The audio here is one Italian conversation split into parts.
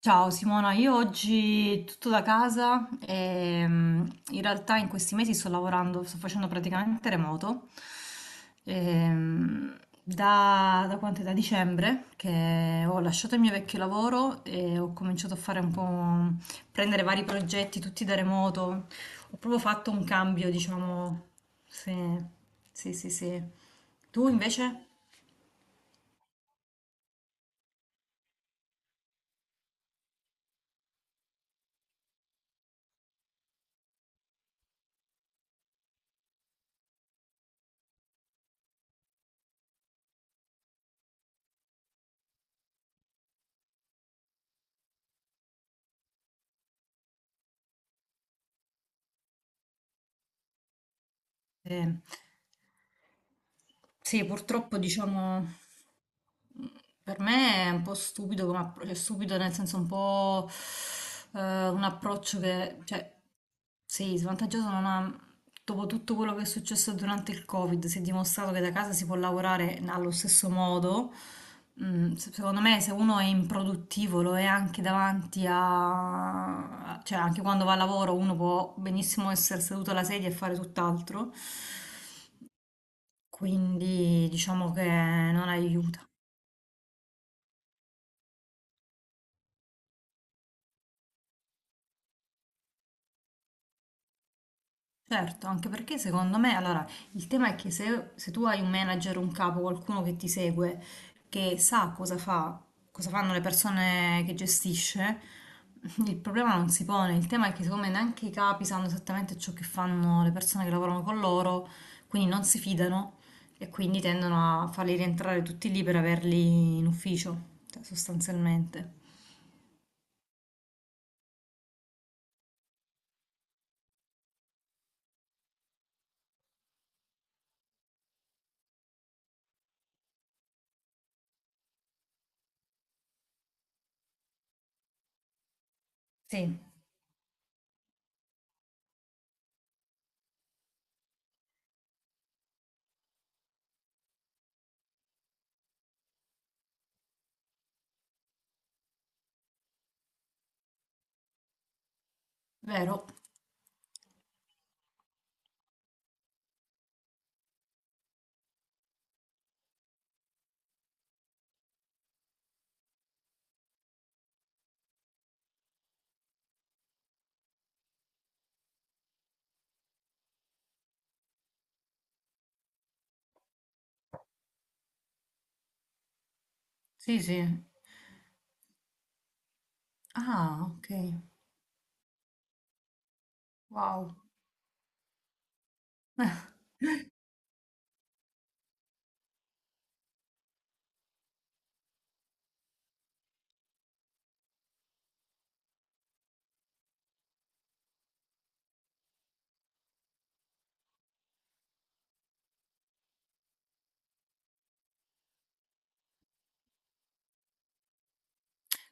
Ciao Simona, io oggi tutto da casa e in realtà in questi mesi sto lavorando, sto facendo praticamente remoto. Ehm, da quant'è? Da dicembre che ho lasciato il mio vecchio lavoro e ho cominciato a fare un po', prendere vari progetti tutti da remoto. Ho proprio fatto un cambio, diciamo. Sì, sì, sì, sì. Tu invece? Sì. Sì, purtroppo diciamo. Per me è un po' stupido come cioè stupido nel senso un po' un approccio che, cioè, sì, svantaggioso non ha. Dopo tutto quello che è successo durante il Covid, si è dimostrato che da casa si può lavorare allo stesso modo. Secondo me, se uno è improduttivo, lo è anche davanti a, cioè, anche quando va a lavoro, uno può benissimo essere seduto alla sedia e fare tutt'altro. Quindi diciamo che non aiuta. Certo, anche perché secondo me, allora, il tema è che se tu hai un manager, un capo, qualcuno che ti segue, che sa cosa fa, cosa fanno le persone che gestisce, il problema non si pone. Il tema è che secondo me neanche i capi sanno esattamente ciò che fanno le persone che lavorano con loro, quindi non si fidano e quindi tendono a farli rientrare tutti lì per averli in ufficio, cioè, sostanzialmente. Sì, vero? Sì, sì. Ah, ok. Wow.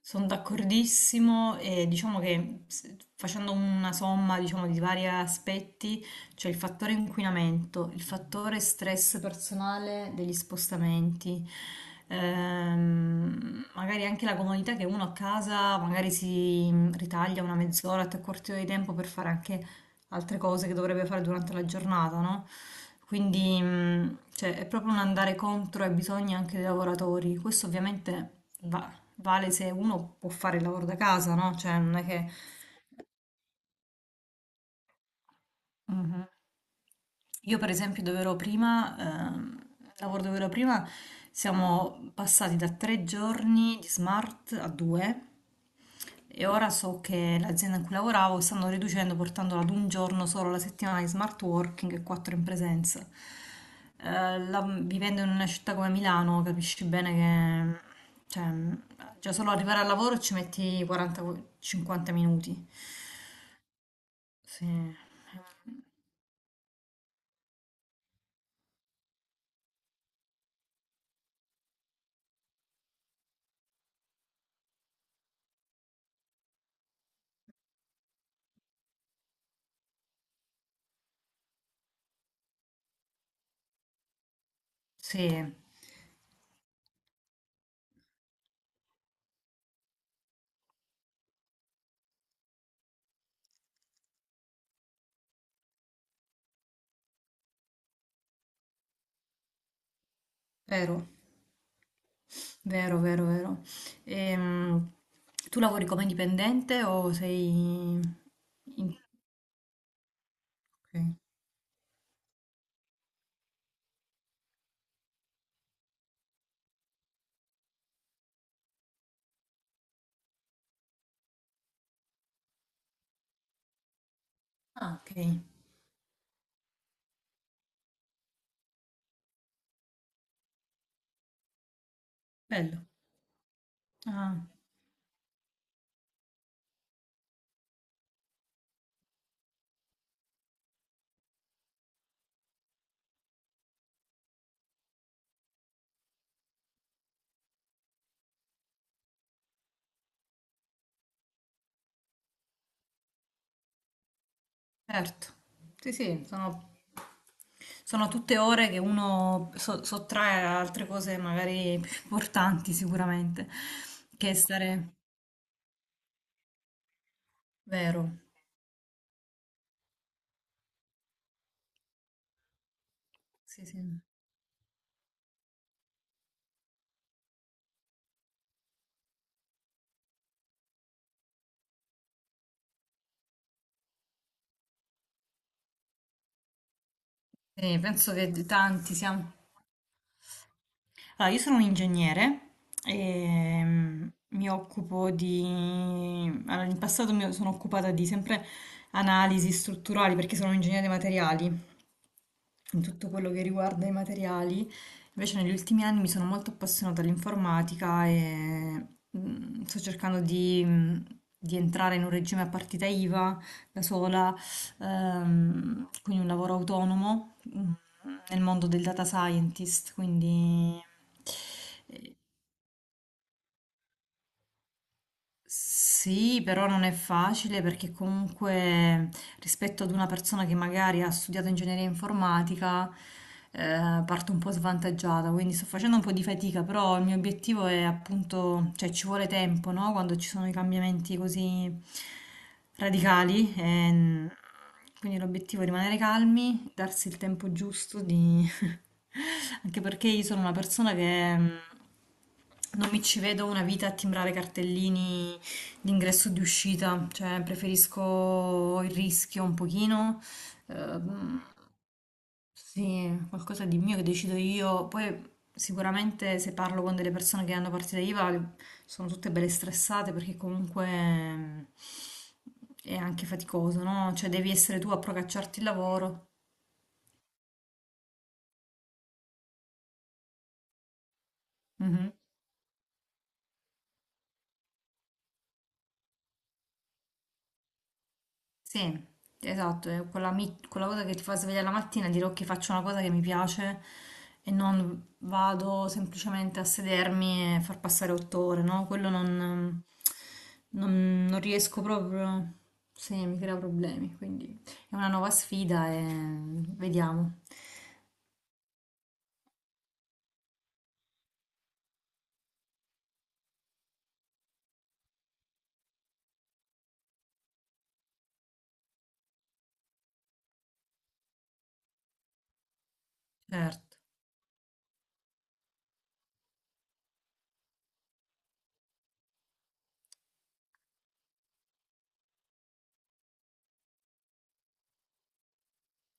Sono d'accordissimo e diciamo che facendo una somma, diciamo, di vari aspetti, c'è il fattore inquinamento, il fattore stress personale degli spostamenti, magari anche la comodità che uno a casa magari si ritaglia una mezz'ora, tre quarti d'ora di tempo per fare anche altre cose che dovrebbe fare durante la giornata, no? Quindi, cioè, è proprio un andare contro ai bisogni anche dei lavoratori. Questo ovviamente vale se uno può fare il lavoro da casa, no? Cioè, non è che. Mhm. Io per esempio dove ero prima, ehm, lavoro dove ero prima, siamo passati da 3 giorni di smart a due e ora so che l'azienda in cui lavoravo stanno riducendo portandola ad un giorno solo la settimana di smart working e quattro in presenza. Vivendo in una città come Milano capisci bene che cioè, già solo arrivare al lavoro ci metti 40-50 minuti. Sì, sì, vero, vero, vero, vero. Ehm, tu lavori come dipendente o sei? In- ok. Ah, ok, bello. Ah, certo. Sì, sì, sono tutte ore che uno sottrae a altre cose magari più importanti sicuramente, che stare. Vero, sì, sì. Sì, penso che tanti siamo. Allora, io sono un ingegnere e mi occupo di. Allora, in passato mi sono occupata di sempre analisi strutturali perché sono un ingegnere dei materiali in tutto quello che riguarda i materiali. Invece negli ultimi anni mi sono molto appassionata all'informatica e sto cercando di entrare in un regime a partita IVA da sola, quindi un lavoro autonomo nel mondo del data scientist, quindi. eh, Sì, però non è facile perché comunque rispetto ad una persona che magari ha studiato ingegneria informatica, parto un po' svantaggiata, quindi sto facendo un po' di fatica, però il mio obiettivo è appunto, cioè ci vuole tempo, no? Quando ci sono i cambiamenti così radicali, quindi l'obiettivo è rimanere calmi, darsi il tempo giusto di. Anche perché io sono una persona che. Non mi ci vedo una vita a timbrare cartellini, l'ingresso di uscita, cioè preferisco il rischio un pochino, ehm, sì, qualcosa di mio che decido io. Poi sicuramente se parlo con delle persone che hanno partita IVA sono tutte belle stressate perché comunque è anche faticoso, no? Cioè devi essere tu a procacciarti il lavoro. Mhm. Sì, esatto, è quella, quella cosa che ti fa svegliare la mattina e dire ok, faccio una cosa che mi piace e non vado semplicemente a sedermi e far passare 8 ore, no? Quello non riesco proprio, sì, mi crea problemi, quindi è una nuova sfida e vediamo. Certo.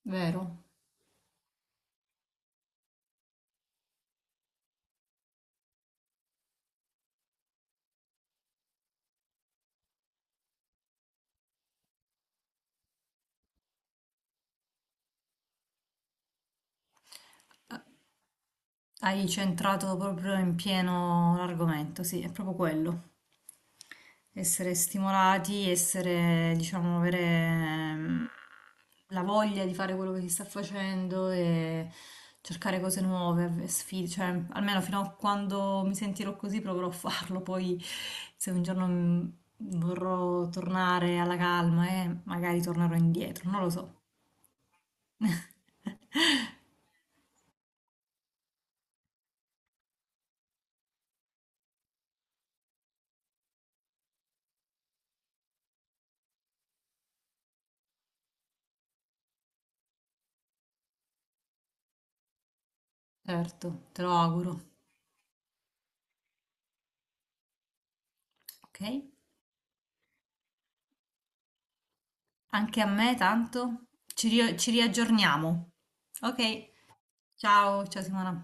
Vero? Hai centrato proprio in pieno l'argomento, sì, è proprio quello. Essere stimolati, essere, diciamo, avere la voglia di fare quello che si sta facendo e cercare cose nuove, sfide, cioè, almeno fino a quando mi sentirò così proverò a farlo, poi se un giorno vorrò tornare alla calma e magari tornerò indietro, non lo so. Certo, te lo auguro, ok? Anche a me tanto. Ci riaggiorniamo. Ok. Ciao, ciao Simona.